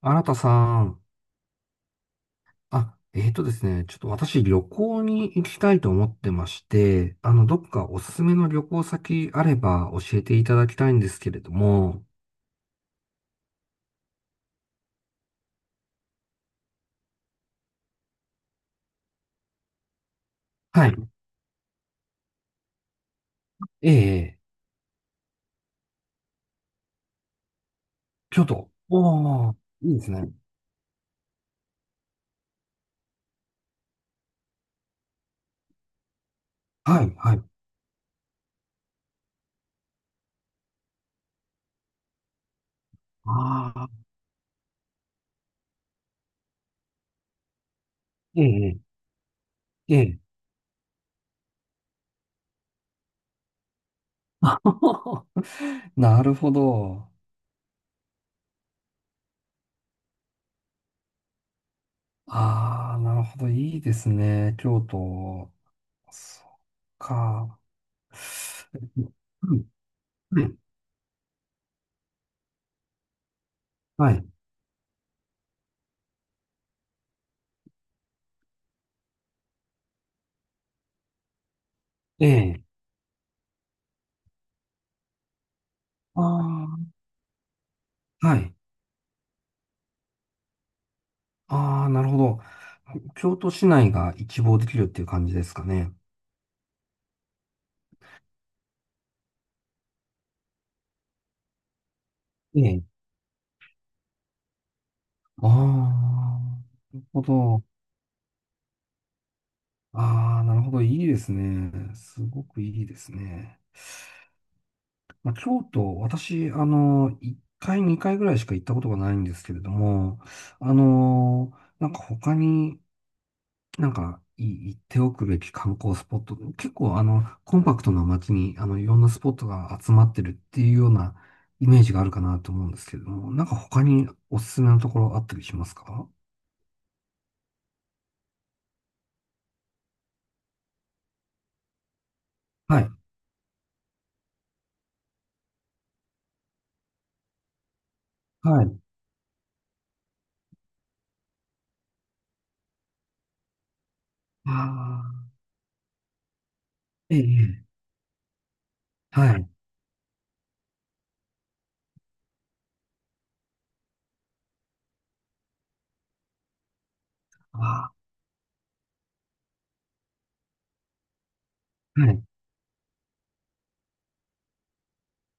新田さん、あ、えーとですね、ちょっと私旅行に行きたいと思ってまして、どっかおすすめの旅行先あれば教えていただきたいんですけれども、はい。ええ、京都。おー、いいですね。はい、はい。ああ、ええ、ええ。あははなるほど。ああ、なるほど。いいですね。京都。そっか。うん、うんはい。ええ。ああ、はい。ああ、なるほど。京都市内が一望できるっていう感じですかね？ええ。ああ、なるほど。ああ、なるほど。いいですね。すごくいいですね。まあ、京都、私、1回、2回ぐらいしか行ったことがないんですけれども、あの、なんか他になんか、行っておくべき観光スポット、結構コンパクトな街に、いろんなスポットが集まってるっていうようなイメージがあるかなと思うんですけれども、なんか他におすすめのところあったりしますか？はい、はい。ああ、ええ、ええはい。ああ、はい。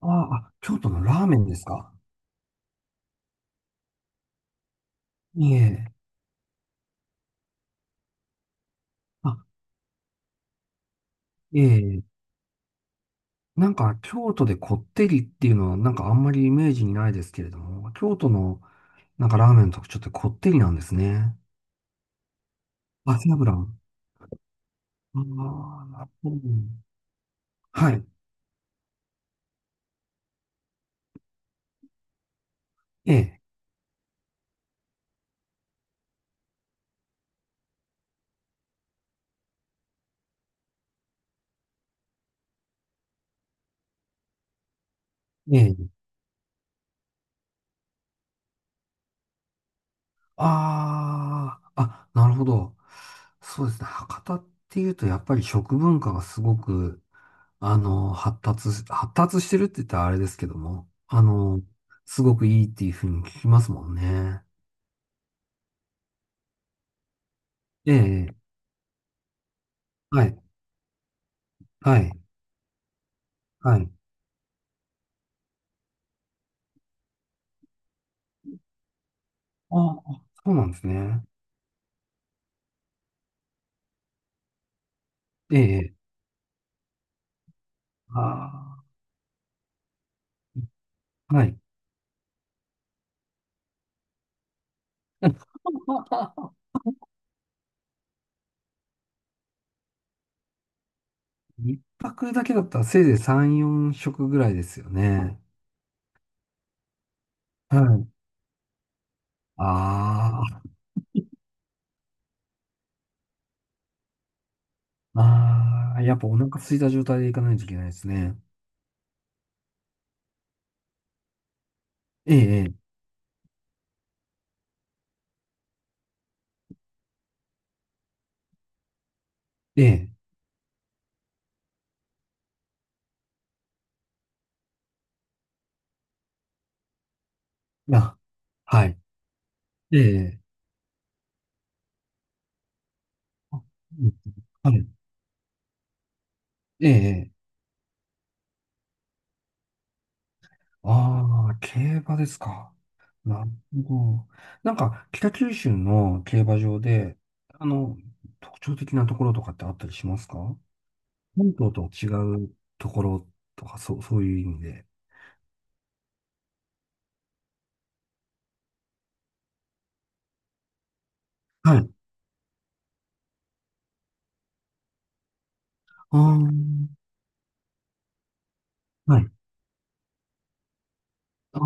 ああ、あ京都のラーメンですか？いえ、あ、ええ、なんか京都でこってりっていうのはなんかあんまりイメージにないですけれども、京都のなんかラーメンの特徴ってこってりなんですね。秋油。ああ、なるほど。はい。ええ、ええ。ああ、あ、なるほど。そうですね。博多っていうと、やっぱり食文化がすごく、発達してるって言ったらあれですけども、すごくいいっていうふうに聞きますもんね。ええ、はい、はい、はい。ああ、そうなんですね。ええ、ああ、はい。一泊だけだったらせいぜい3、4食ぐらいですよね。はいああ、ああ、やっぱお腹空いた状態で行かないといけないですね。ええ、ええ、ええ、あ、はい、ええ、あうんはい、ええ、ああ、競馬ですか。なるほど。なんか、北九州の競馬場で、あの、特徴的なところとかってあったりしますか？本島とは違うところとか、そう、そういう意味で。はい。ああ、はい。ああ、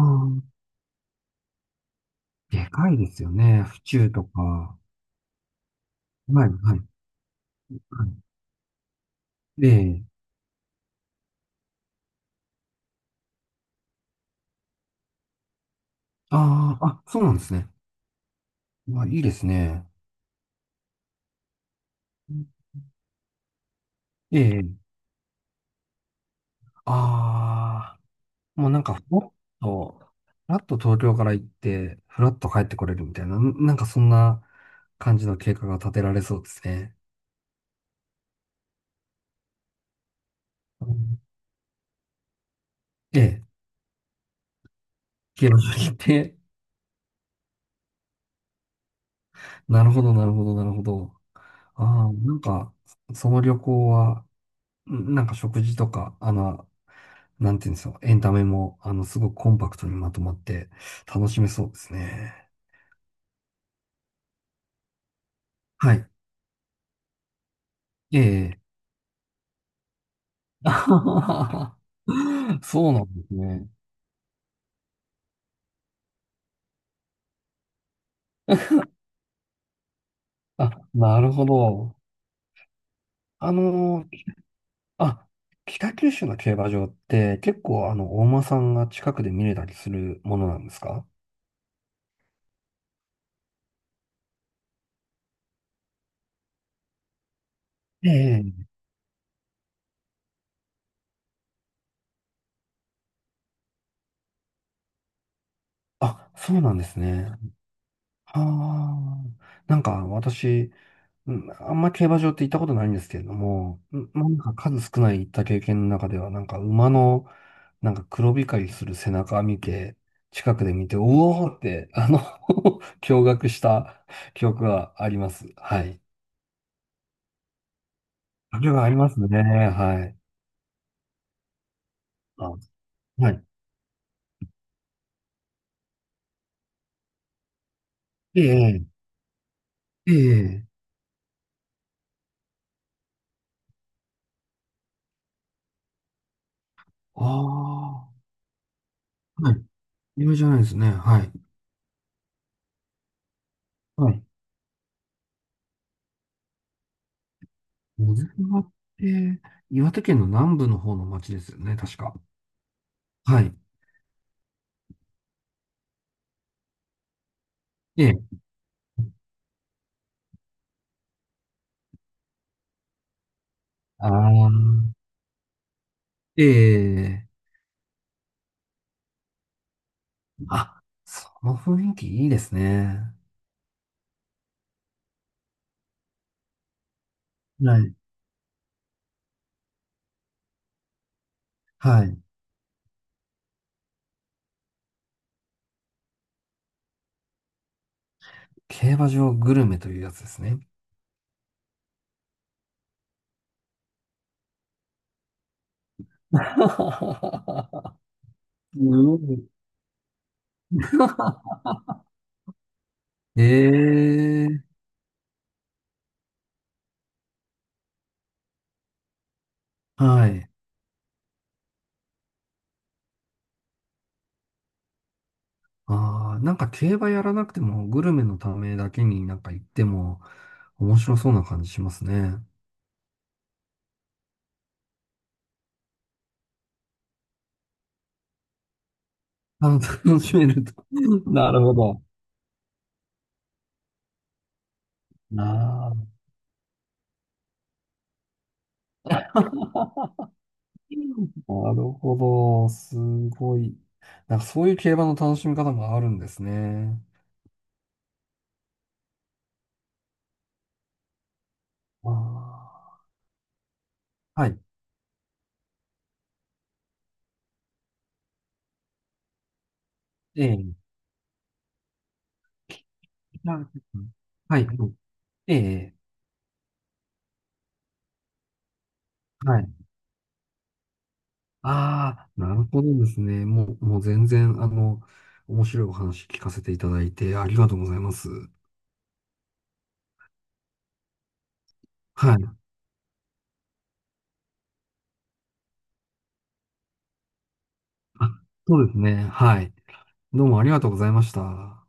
でかいですよね。府中とか。はい、はい、はい。ええ。ああ、あ、そうなんですね。まあ、いいですね。ええ。ああ、もうなんか、と、ふらっと東京から行って、ふらっと帰ってこれるみたいな、なんかそんな感じの計画が立てられそうですね。うんええ、消えましょうって。なるほど、なるほど、なるほど。ああ、なんか、その旅行は、なんか食事とか、なんていうんですか、エンタメも、すごくコンパクトにまとまって楽しめそうですね。はい。ええ。あはははそうなんですね。あ、なるほど。あの、あ、北九州の競馬場って結構お馬さんが近くで見れたりするものなんですか？ええ。あ、そうなんですね。ああ。なんか私、うん、あんま競馬場って行ったことないんですけれども、まあ、なんか数少ない行った経験の中では、なんか馬の、なんか黒光りする背中見て、近くで見て、うおーって、驚愕した記憶があります。はい。あれはありますね。はい。あ、はい。ええ、ええ、ああ、はい。有じゃないですね。はい。はい。野付川って、岩手県の南部の方の町ですよね、確か。はい。ええ。ああ。ええ、あ、その雰囲気いいですね。はい。はい。競馬場グルメというやつですね。すごいええ、はい。ああ、なんか競馬やらなくてもグルメのためだけになんか行っても面白そうな感じしますね。楽しめると。なるほど。ああ、なるほど。すごい。なんかそういう競馬の楽しみ方もあるんですね。ああ、はい。ええなるほどはい。はいええ、はい。ああ、なるほどですね。もう全然、面白いお話聞かせていただいてありがとうございます。はい。あ、そうですね。はい。どうもありがとうございました。